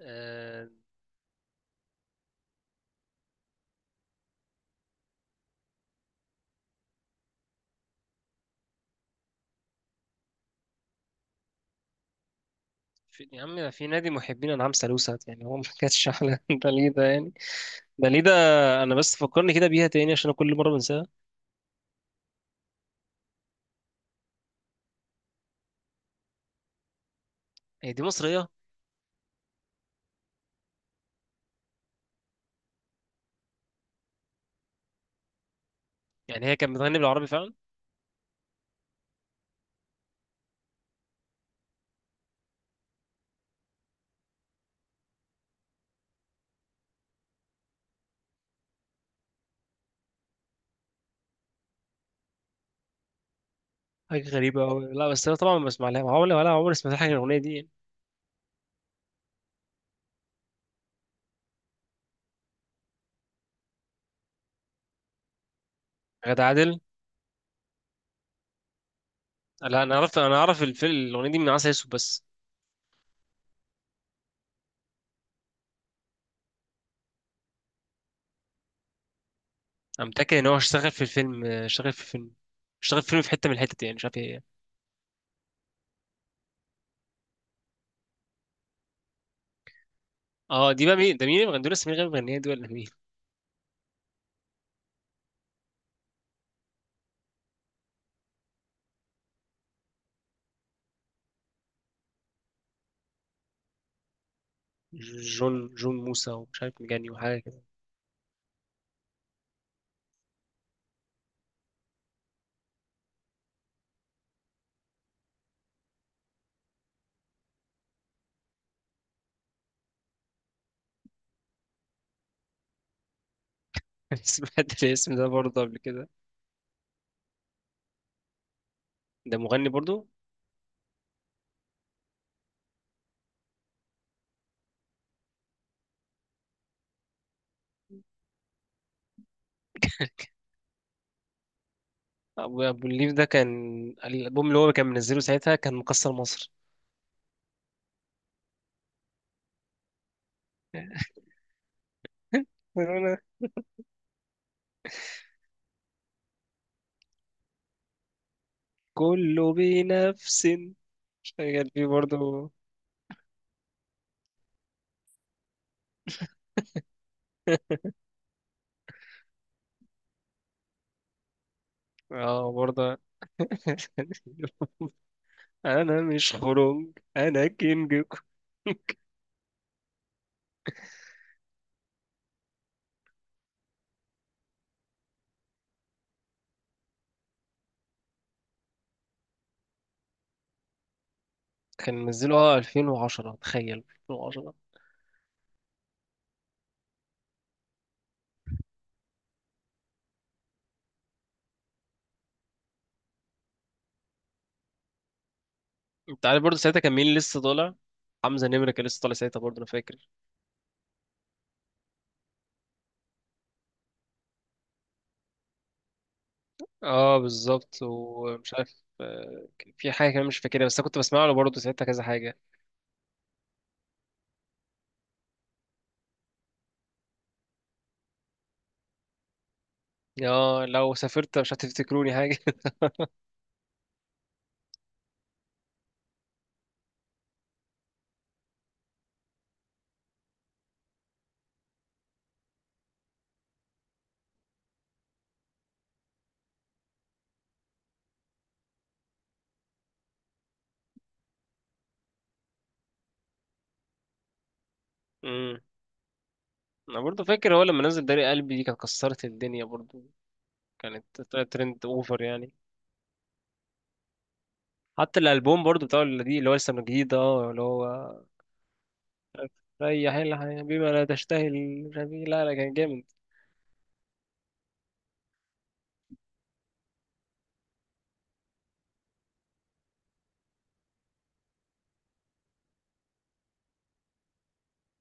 آه، في يا عم، في نادي محبين انعام سالوسة. يعني هو ما كانتش احلى. ده ليه ده يعني؟ ده ليه ده؟ انا بس فكرني كده بيها تاني عشان أنا كل مره بنساها. هي دي مصريه؟ يعني هي كانت بتغني بالعربي فعلا؟ حاجه غريبه قوي. لا بس انا طبعا ما بسمع لها عمري ولا عمري سمعت حاجه من الاغنيه دي يعني. غادة عادل؟ لا انا اعرف الفيلم الاغنيه دي من عسل اسود بس. انا متاكد ان هو اشتغل في الفيلم، اشتغل في الفيلم، اشتغل في فيلم في حته من الحتت يعني، مش عارف ايه. اه دي بقى مين؟ ده مين اللي بيغني؟ دول اسمين غير مغنيه دول ولا مين؟ جون، جون موسى ومش عارف مجاني وحاجه. سمعت الاسم ده برضه قبل كده. ده مغني برضه. ابو الليف ده كان، الالبوم اللي هو كان منزله ساعتها كان مكسر مصر. أنا كله بنفس شغال فيه برضه. اه برضه. انا مش خرنج انا كينج. كان منزله اه 2010، تخيل 2010. انت عارف برضه ساعتها كان مين لسه طالع؟ حمزة نمرة كان لسه طالع ساعتها برضه، انا فاكر. اه بالظبط، ومش عارف، كان في حاجة كمان مش فاكرها، بس انا كنت بسمع له برضه ساعتها كذا حاجة. اه لو سافرت مش هتفتكروني حاجة. امم انا برضو فاكر هو لما نزل داري قلبي دي كانت كسرت الدنيا برضو. كانت طلعت ترند اوفر يعني. حتى الالبوم برضو بتاع اللي دي اللي هو لسه من جديد اه اللي هو ريح الحياة بما لا تشتهي، مش عارف إيه. لا لا كان جامد.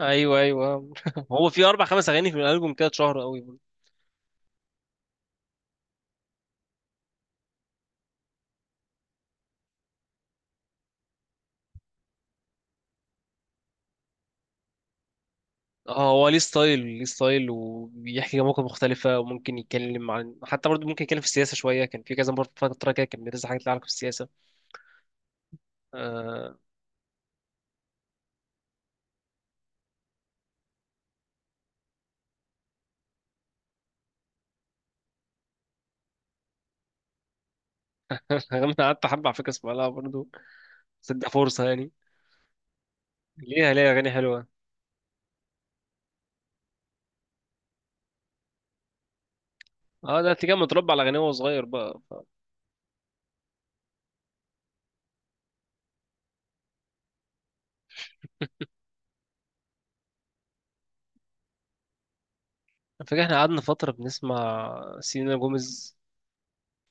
ايوه ايوه، هو في اربع خمس اغاني في الالبوم كده اتشهر قوي برضو. اه هو ليه ستايل، ليه ستايل وبيحكي مواقف مختلفة، وممكن يتكلم عن حتى برضه ممكن يتكلم في السياسة شوية، كان في كذا مرة فترة كده كان بينزل حاجات لها علاقة بالسياسة. انا قعدت حبه على فكره اسمع لها برضه، بس اديها فرصه يعني، ليها اغاني حلوه. اه ده انت كان متربى على اغاني وهو صغير بقى ف- فاكر احنا قعدنا فتره بنسمع سيلينا جوميز؟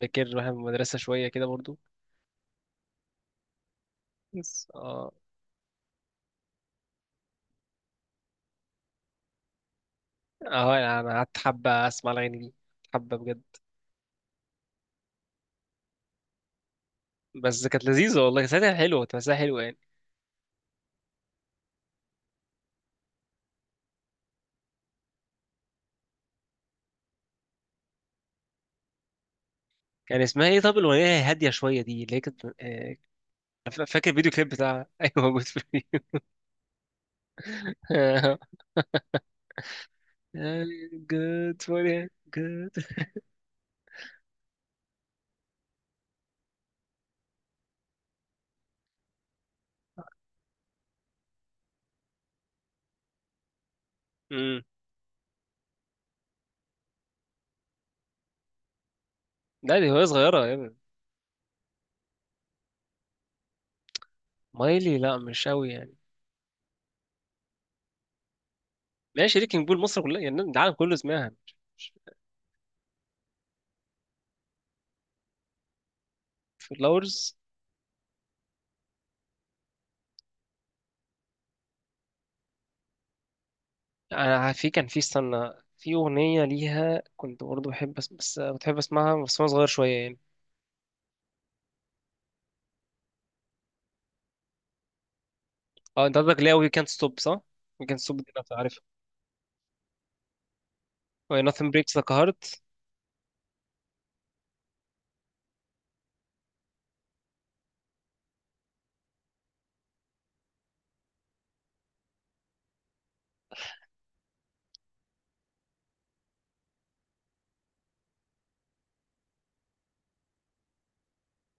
فاكر واحنا في المدرسه شويه كده برضه؟ بس اه. اه يعني انا قعدت حبه اسمع الاغاني دي، حبه بجد. بس كانت لذيذه والله ساعتها، حلوه، كانت تمثيلها حلوه يعني. كان اسمها ايه طب الاغنيه هاديه شويه دي اللي هي كانت فا- فاكر الفيديو كليب بتاعها، ايوه موجود في الفيديو. good for you. good. امم لا دي وهي صغيرة يا ابني. مايلي لا مش قوي يعني. ماشي، شريكنج بول مصر كلها يعني العالم كله سمعها. مش- مش- فلاورز. انا في كان في، استنى، في اغنيه ليها كنت برضه بحب أس... بس بتحب اسمعها بس وانا صغير شويه يعني. اه انت قصدك لا وي كانت ستوب، صح؟ وي كانت ستوب دي انا عارفها. و nothing breaks the heart.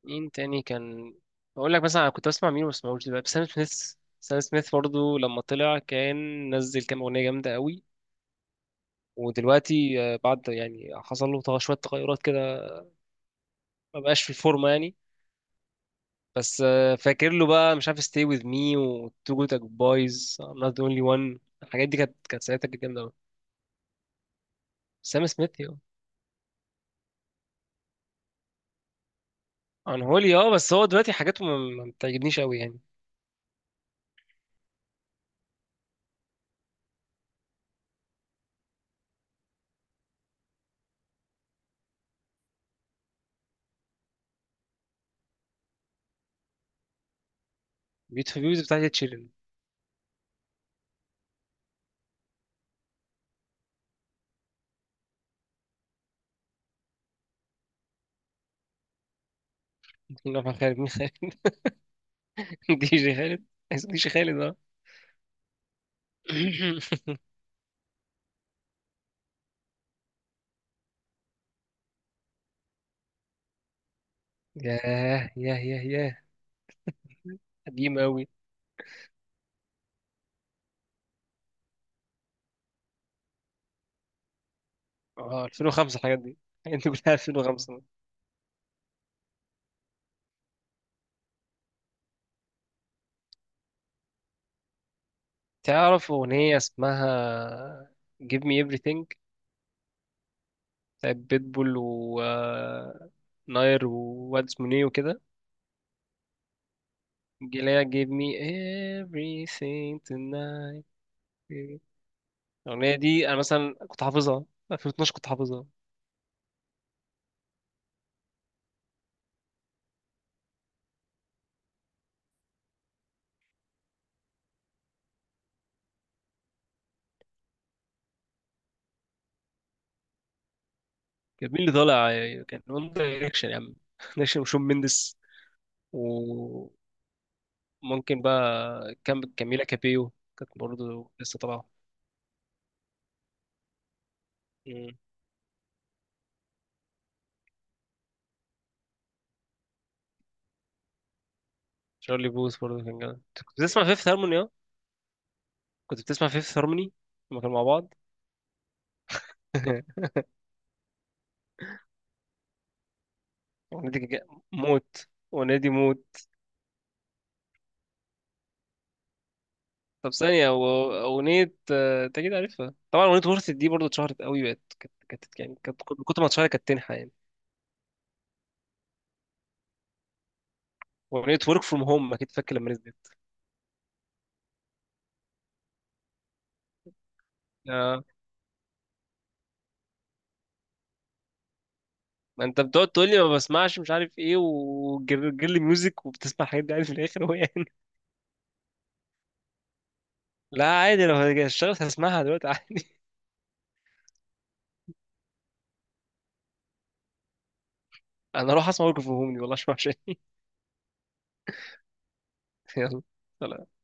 مين تاني كان؟ بقول لك مثلا انا كنت بسمع مين وما بسمعوش دلوقتي؟ سام سميث. سام سميث برضه لما طلع كان نزل كام اغنيه جامده قوي. ودلوقتي بعد يعني حصل له تغ- شويه تغيرات كده، ما بقاش في الفورمه يعني. بس فاكر له بقى، مش عارف، stay with me و two good boys، I'm not the only one. الحاجات دي كانت، كانت ساعتها جامدة أوي. سام سميث يا. عن هولي اه، بس هو دلوقتي حاجاته ما بتعجبنيش أوي يعني. بيوتيفول بيوز بتاعتي تشيلن. خالد مين خالد؟ دي جي خالد. عايز دي جي خالد، اه. ياه ياه ياه ياه. قديم أوي. اه 2005 الحاجات دي، الحاجات دي كلها 2005. تعرف أغنية اسمها Give me everything؟ بتاعت بيتبول و ناير وواد اسمه نيو وكده. جيليا gave me everything tonight. الأغنية دي أنا مثلا كنت حافظها، 2012 كنت حافظها. كان مين اللي طالع؟ كان وان دايركشن يا عم، دايركشن وشون مندس وممكن بقى كام، كاميلا كابيو كانت برضه لسه طالعة. مم. شارلي بوث برضه كان جامد. أنت كنت بتسمع فيفث هارموني اه؟ كنت بتسمع فيفث هارموني لما كانوا مع بعض؟ الأغنية دي كانت جا- موت، الأغنية دي موت. طب ثانية، هو أغنية أنت أكيد عارفها طبعا، أغنية ورثة دي برضه اتشهرت قوي بقت، كانت يعني كانت كل- كتر ما اتشهرت كانت تنحى يعني. وأغنية ورك فروم هوم أكيد فاكر لما نزلت. آه. ما أنت بتقعد تقول لي ما بسمعش مش عارف إيه وجيرلي ميوزك، وبتسمع حاجات دي عادي في الآخر هو يعني. لا عادي، لو اشتغلت هسمعها دلوقتي عادي. أنا أروح أسمع ورك فروم هوم دي، والله مش وحشة. يلا. سلام.